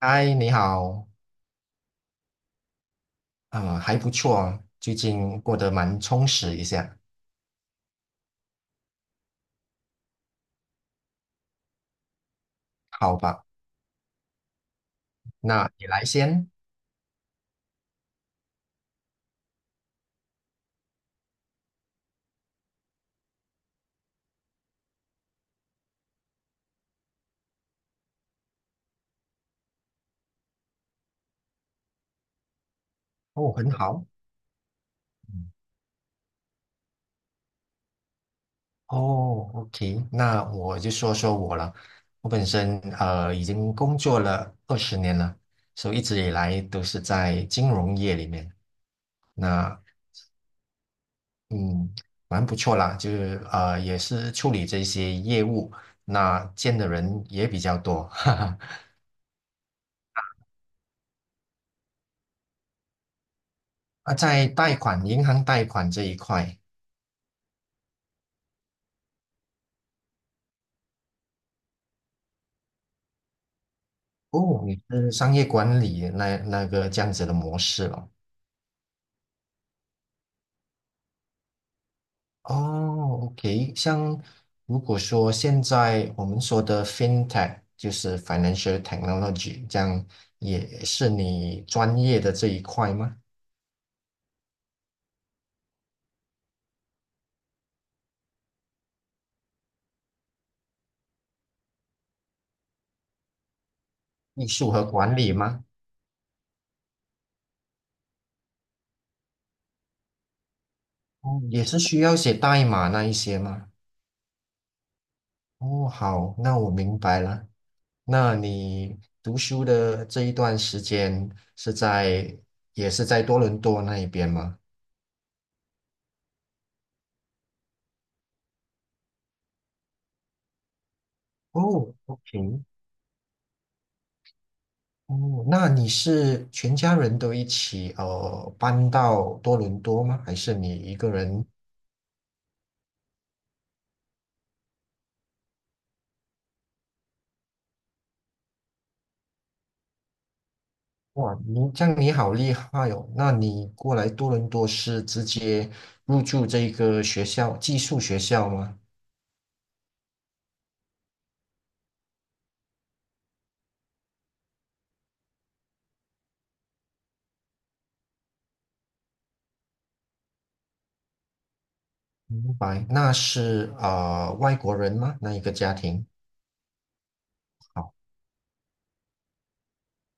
嗨，你好。还不错，最近过得蛮充实一下。好吧？那你来先。哦，很好。嗯。哦，OK，那我就说说我了。我本身已经工作了20年了，所以一直以来都是在金融业里面。那嗯，蛮不错啦，就是也是处理这些业务，那见的人也比较多，哈哈。啊，在贷款银行贷款这一块。哦，你是商业管理那个这样子的模式了。哦，OK，像如果说现在我们说的 FinTech 就是 Financial Technology，这样也是你专业的这一块吗？艺术和管理吗？哦，也是需要写代码那一些吗？哦，好，那我明白了。那你读书的这一段时间是在，也是在多伦多那一边吗？哦，OK。哦，那你是全家人都一起搬到多伦多吗？还是你一个人？哇，你这样你好厉害哦！那你过来多伦多是直接入住这个学校寄宿学校吗？明白，那是外国人吗？那一个家庭？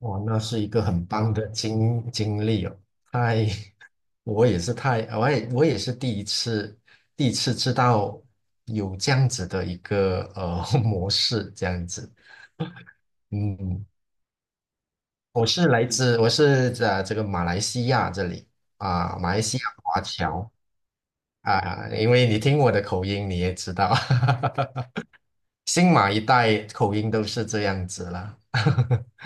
哇，那是一个很棒的经历哦！太，我也是太，我也是第一次，第一次知道有这样子的一个模式，这样子。嗯，我是来自，我是在这个马来西亚这里啊，马来西亚华侨啊，因为你听我的口音，你也知道。新马一代口音都是这样子啦。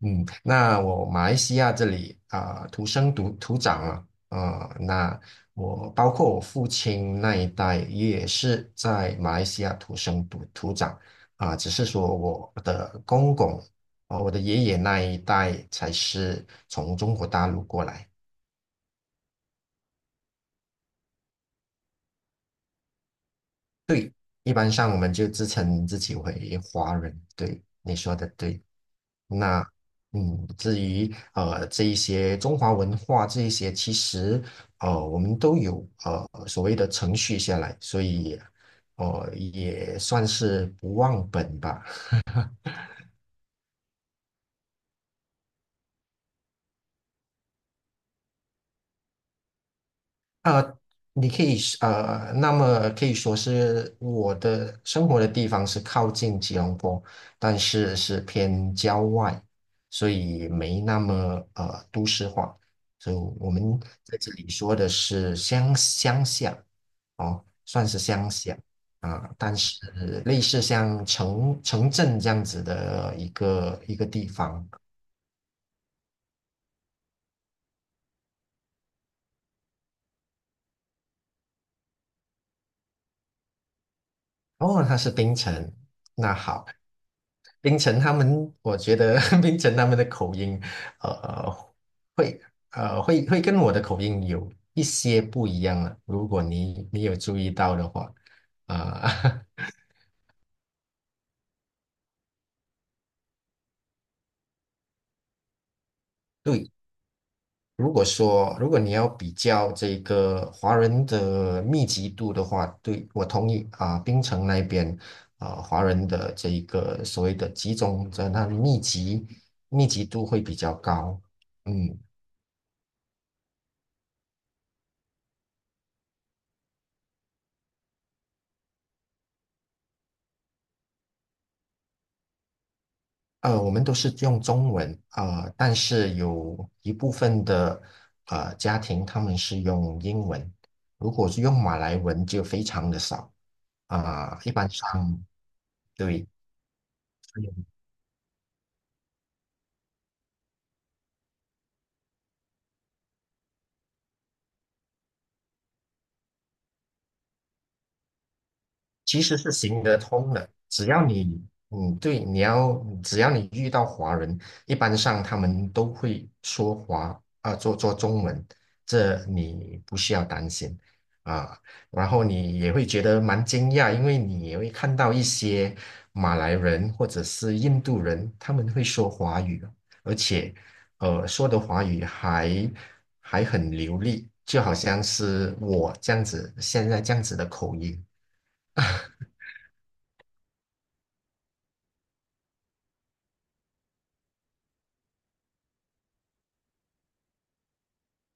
嗯，那我马来西亚这里啊、土生土长啊，那我包括我父亲那一代也是在马来西亚土生土长啊、只是说我的公公。哦，我的爷爷那一代才是从中国大陆过来。一般上我们就自称自己为华人，对，你说的对。那嗯，至于这一些中华文化这一些，其实我们都有所谓的程序下来，所以也算是不忘本吧。你可以是，那么可以说是我的生活的地方是靠近吉隆坡，但是是偏郊外，所以没那么都市化。所以我们在这里说的是乡下，哦，算是乡下啊，但是类似像城镇这样子的一个一个地方。哦，他是冰城，那好。冰城他们，我觉得 冰城他们的口音，呃，呃会呃会会跟我的口音有一些不一样了。如果你你有注意到的话，啊、对，如果说如果你要比较这个华人的密集度的话，对，我同意啊、冰城那边啊、华人的这一个所谓的集中在那密集，密集度会比较高，嗯。我们都是用中文，但是有一部分的家庭他们是用英文，如果是用马来文就非常的少啊，一般上对，其实是行得通的，只要你，嗯，对，你要，只要你遇到华人，一般上他们都会说华，啊、做做中文，这你不需要担心啊。然后你也会觉得蛮惊讶，因为你也会看到一些马来人或者是印度人，他们会说华语，而且，说的华语还还很流利，就好像是我这样子，现在这样子的口音。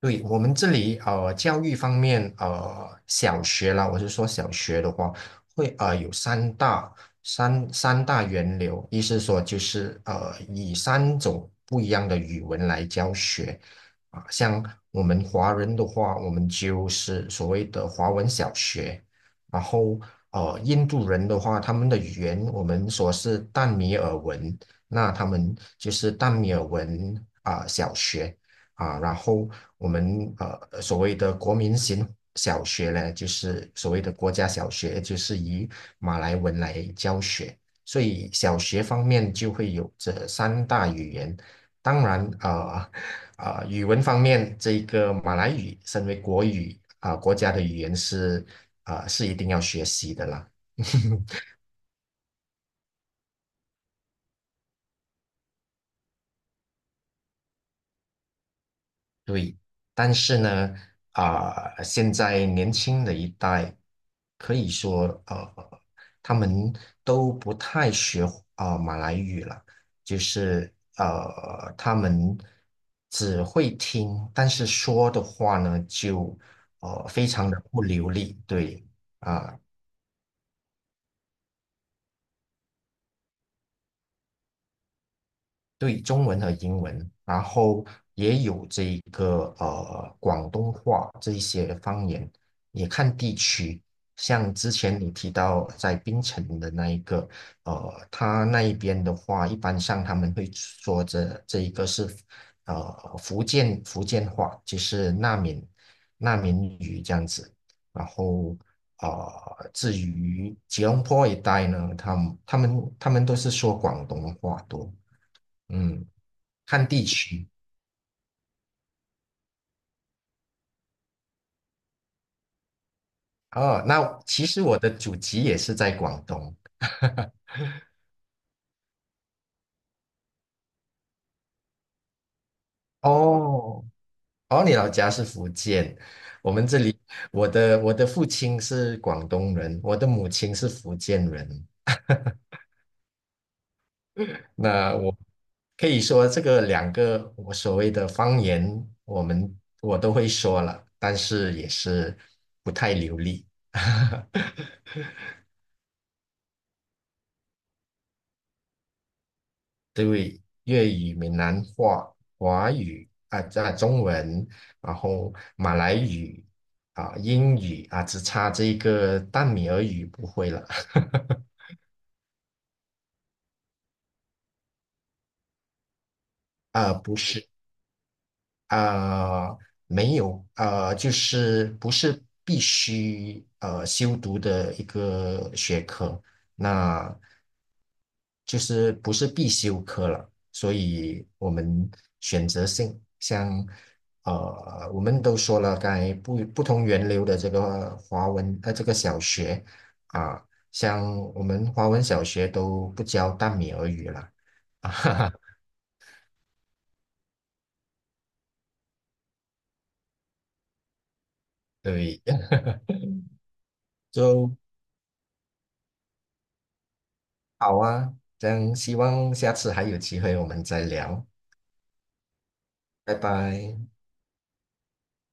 对，我们这里，教育方面，小学啦，我是说小学的话，会有三大三大源流，意思说就是以三种不一样的语文来教学啊，像我们华人的话，我们就是所谓的华文小学。然后印度人的话，他们的语言我们说是淡米尔文，那他们就是淡米尔文啊、小学。啊，然后我们所谓的国民型小学呢，就是所谓的国家小学，就是以马来文来教学，所以小学方面就会有这三大语言。当然，语文方面，这个马来语身为国语啊、国家的语言是啊、是一定要学习的啦。对，但是呢，啊、现在年轻的一代可以说，他们都不太学啊、马来语了，就是，他们只会听，但是说的话呢，就非常的不流利，对啊、对，中文和英文，然后也有这一个广东话这一些方言，也看地区。像之前你提到在槟城的那一个，他那一边的话，一般上他们会说这这一个是福建话，就是那闽语这样子。然后至于吉隆坡一带呢，他们都是说广东话多，嗯。看地区哦。那其实我的祖籍也是在广东。哦，哦，你老家是福建，我们这里，我的父亲是广东人，我的母亲是福建人。那我可以说这个两个我所谓的方言，我们我都会说了，但是也是不太流利。对于粤语、闽南话、华语啊啊中文，然后马来语啊英语啊，只差这个淡米尔语不会了啊，不是啊、没有啊、就是不是必须修读的一个学科，那就是不是必修科了，所以我们选择性像我们都说了，刚才不同源流的这个华文这个小学啊、像我们华文小学都不教淡米尔语了 啊哈哈，对，就好啊，这样希望下次还有机会我们再聊。拜拜。